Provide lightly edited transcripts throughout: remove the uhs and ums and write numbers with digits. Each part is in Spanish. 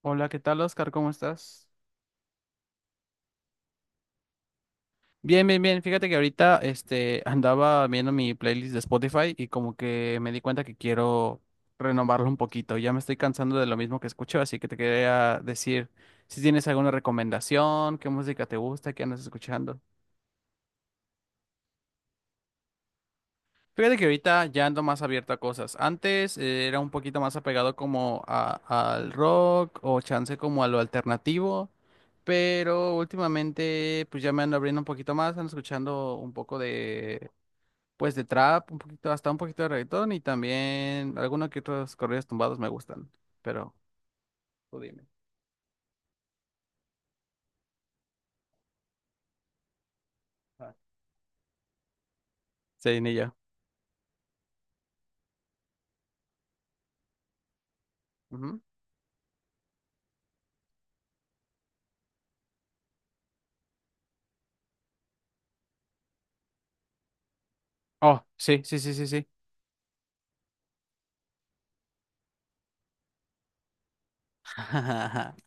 Hola, ¿qué tal, Oscar? ¿Cómo estás? Bien, bien, bien. Fíjate que ahorita andaba viendo mi playlist de Spotify y como que me di cuenta que quiero renovarlo un poquito. Ya me estoy cansando de lo mismo que escucho, así que te quería decir si tienes alguna recomendación, qué música te gusta, qué andas escuchando. Fíjate que ahorita ya ando más abierto a cosas. Antes era un poquito más apegado como al rock o chance como a lo alternativo, pero últimamente pues ya me ando abriendo un poquito más, ando escuchando un poco de, pues, de trap, un poquito hasta un poquito de reggaetón y también algunos que otros corridos tumbados me gustan, pero tú dime. Ah. Sí, ni yo. Ujú. Oh, sí, sí, sí, sí, sí.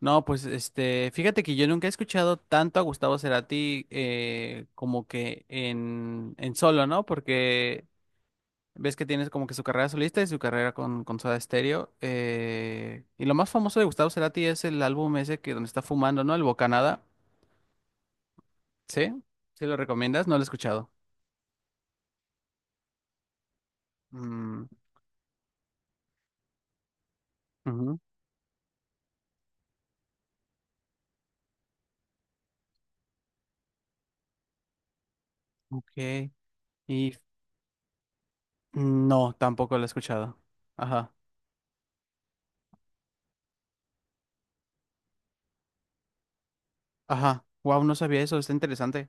No, pues fíjate que yo nunca he escuchado tanto a Gustavo Cerati como que en solo, ¿no? Porque ves que tienes como que su carrera solista y su carrera con Soda Stereo. Y lo más famoso de Gustavo Cerati es el álbum ese que donde está fumando, ¿no? El Bocanada. ¿Sí? ¿Sí lo recomiendas? No lo he escuchado. Mm, ujú, ok. Y no, tampoco lo he escuchado. Ajá. Ajá. Wow, no sabía eso, está interesante.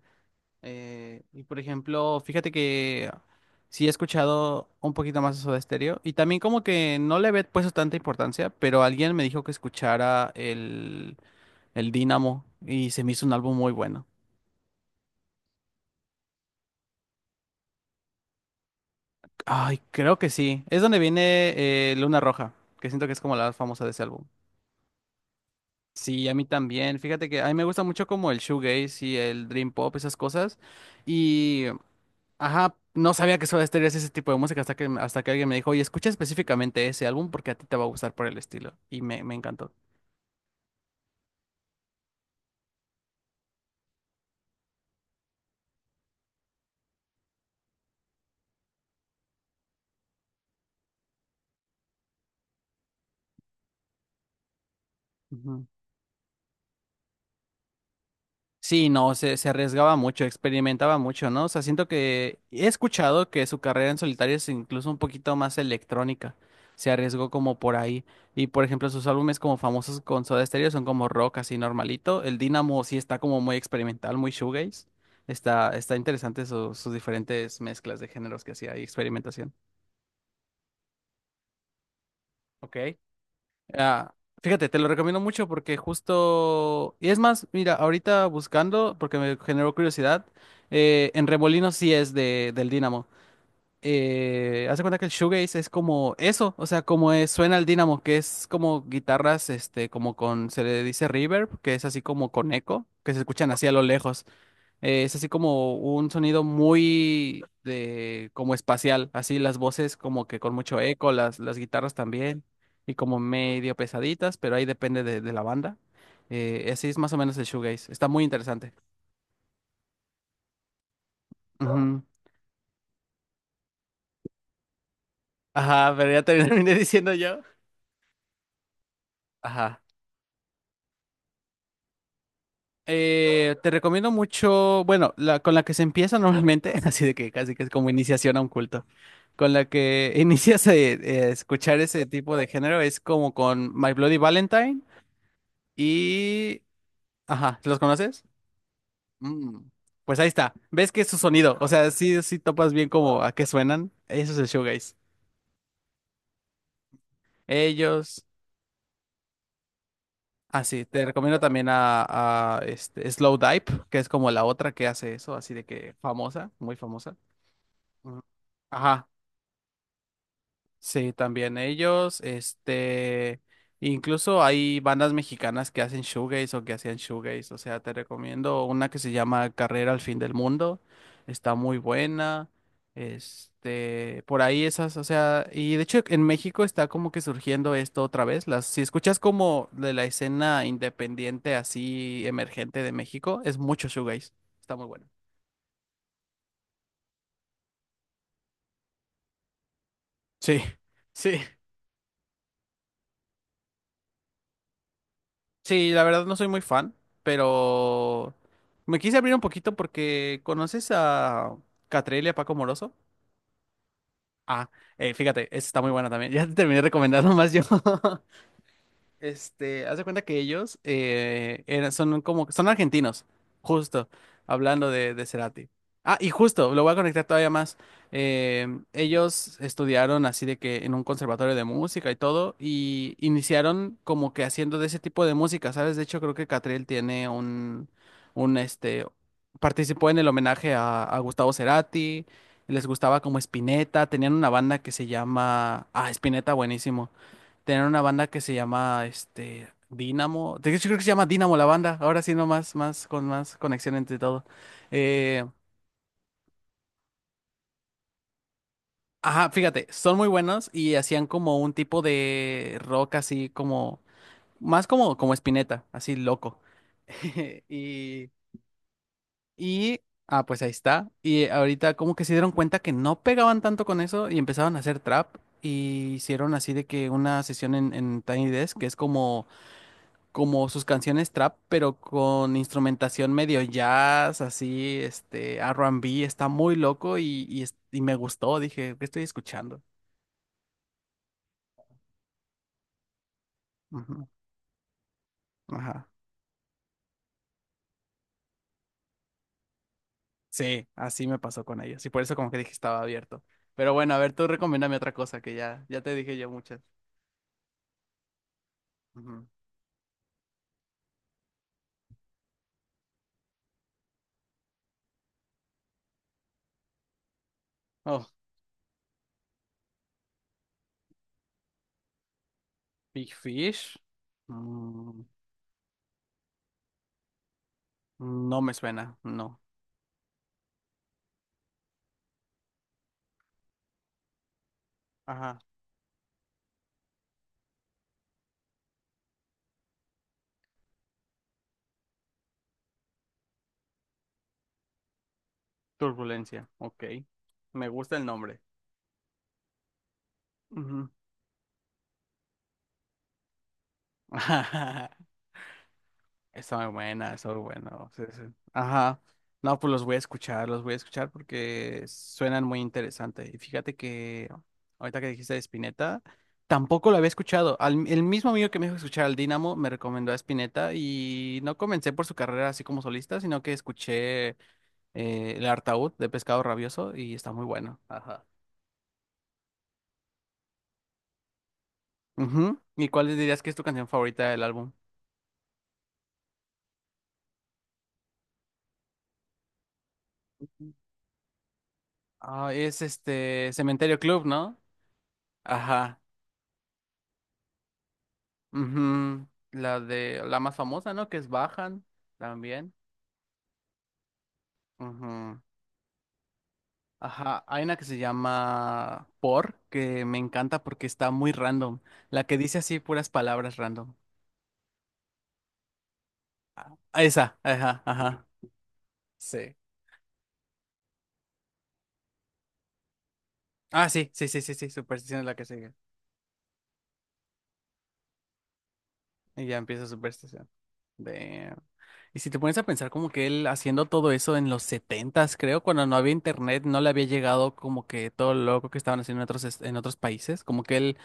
Y por ejemplo, fíjate que sí he escuchado un poquito más eso de Stereo. Y también como que no le había puesto tanta importancia, pero alguien me dijo que escuchara el Dínamo y se me hizo un álbum muy bueno. Ay, creo que sí. Es donde viene Luna Roja, que siento que es como la más famosa de ese álbum. Sí, a mí también. Fíjate que a mí me gusta mucho como el shoegaze y el dream pop, esas cosas. Y Ajá, no sabía que Soda Stereo hacía ese tipo de música hasta que, alguien me dijo, oye, escucha específicamente ese álbum porque a ti te va a gustar por el estilo. Y me encantó. Ujú. Sí, no, se arriesgaba mucho, experimentaba mucho, ¿no? O sea, siento que he escuchado que su carrera en solitario es incluso un poquito más electrónica. Se arriesgó como por ahí. Y por ejemplo, sus álbumes como famosos con Soda Stereo son como rock así normalito. El Dynamo sí está como muy experimental, muy shoegaze. Está interesante sus diferentes mezclas de géneros que hacía y experimentación. Ok. Ah, fíjate, te lo recomiendo mucho porque justo, y es más, mira, ahorita buscando, porque me generó curiosidad, en Remolinos sí es del Dynamo. Haz de cuenta que el shoegaze es como eso, o sea, como suena el Dynamo, que es como guitarras, se le dice reverb, que es así como con eco, que se escuchan así a lo lejos. Es así como un sonido muy como espacial, así las voces como que con mucho eco, las guitarras también, y como medio pesaditas, pero ahí depende de la banda. Así es más o menos el shoegaze. Está muy interesante. Ujú. Ajá, pero ya terminé diciendo yo. Ajá. Te recomiendo mucho, bueno, la con la que se empieza normalmente, así de que casi que es como iniciación a un culto. Con la que inicias a, escuchar ese tipo de género es como con My Bloody Valentine. Y... Ajá, ¿los conoces? Mm. Pues ahí está. ¿Ves que es su sonido? O sea, sí, sí topas bien como a qué suenan. Eso es el shoegaze. Ellos... Ah, sí, te recomiendo también a Slow Dive, que es como la otra que hace eso, así de que famosa, muy famosa. Ujú. Ajá. Sí, también ellos, incluso hay bandas mexicanas que hacen shoegaze o que hacían shoegaze, o sea, te recomiendo una que se llama Carrera al fin del mundo, está muy buena, por ahí esas, o sea, y de hecho en México está como que surgiendo esto otra vez, si escuchas como de la escena independiente así emergente de México, es mucho shoegaze, está muy bueno. Sí, sí. Sí, la verdad no soy muy fan, pero me quise abrir un poquito porque ¿conoces a Catriel y a Paco Moroso? Ah, fíjate, esa está muy buena también. Ya te terminé recomendando más yo. Haz de cuenta que ellos son argentinos, justo, hablando de Cerati. Ah, y justo, lo voy a conectar todavía más. Ellos estudiaron así de que en un conservatorio de música y todo, y iniciaron como que haciendo de ese tipo de música, ¿sabes? De hecho, creo que Catriel tiene un, este, participó en el homenaje a, Gustavo Cerati, les gustaba como Spinetta, tenían una banda que se llama, Spinetta, buenísimo. Tenían una banda que se llama este Dynamo. De hecho, creo que se llama Dynamo la banda. Ahora sí, no más, con más conexión entre todo. Eh, ajá, fíjate, son muy buenos y hacían como un tipo de rock así como, más como Spinetta, así loco. Y, y, pues ahí está. Y ahorita como que se dieron cuenta que no pegaban tanto con eso y empezaron a hacer trap. Y hicieron así de que una sesión en Tiny Desk, que es como sus canciones trap, pero con instrumentación medio jazz, así, R&B, está muy loco y me gustó, dije, ¿qué estoy escuchando? Ujú, ajá. Sí, así me pasó con ellos y por eso como que dije estaba abierto. Pero bueno, a ver, tú recomiéndame otra cosa que ya, ya te dije yo muchas. Ujú. Oh, Big Fish. Mm, no me suena, no. Ajá, Turbulencia, ok. Me gusta el nombre. Ujú. Está muy buena, está muy bueno. Sí, sí. Ajá. No, pues los voy a escuchar, los voy a escuchar porque suenan muy interesantes. Y fíjate que ahorita que dijiste de Spinetta, tampoco lo había escuchado. El mismo amigo que me dijo escuchar al Dynamo me recomendó a Spinetta y no comencé por su carrera así como solista, sino que escuché El Artaud de Pescado Rabioso y está muy bueno. Ajá. Ujú. ¿Y cuál dirías que es tu canción favorita del álbum? Ah, es este Cementerio Club, ¿no? Ajá. Ujú, la de la más famosa, ¿no? Que es Bajan también. Ujú. Ajá, hay una que se llama Por, que me encanta porque está muy random. La que dice así puras palabras random. Ah, esa, ajá, ajá. Sí. Ah, sí, sí, sí, sí, sí, Superstición es la que sigue. Y ya empieza Superstición. De... Y si te pones a pensar como que él haciendo todo eso en los setentas, creo, cuando no había internet, no le había llegado como que todo lo loco que estaban haciendo en otros, en otros países, como que él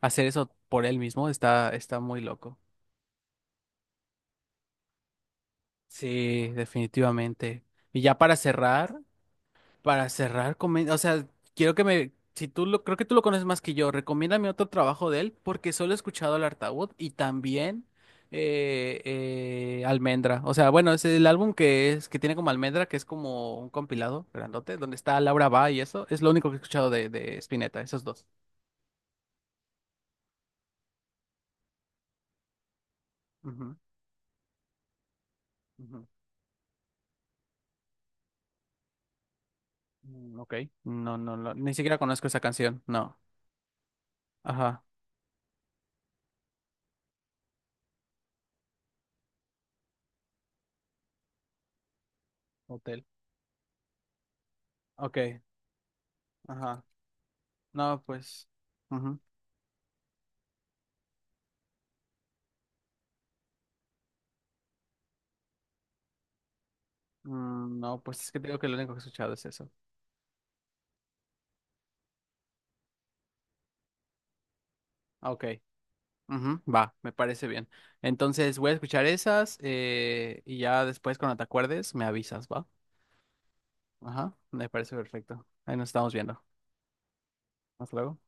hacer eso por él mismo está muy loco. Sí, definitivamente. Y ya para cerrar, para cerrar, o sea, quiero que me, si tú lo, creo que tú lo conoces más que yo, recomiéndame otro trabajo de él, porque solo he escuchado el Artaud y también Almendra. O sea, bueno, es el álbum que tiene como Almendra, que es como un compilado grandote, donde está Laura Va y eso, es lo único que he escuchado de Spinetta, esos dos. Ujú, ujú. Mm, ok. No, no, no, ni siquiera conozco esa canción, no. Ajá. Hotel. Ok, ajá. No, pues. Ujú. No, pues es que digo que lo único que he escuchado es eso. Ah, ok. Ujú, va, me parece bien. Entonces voy a escuchar esas y ya después cuando te acuerdes me avisas, ¿va? Ajá, me parece perfecto. Ahí nos estamos viendo. Hasta luego.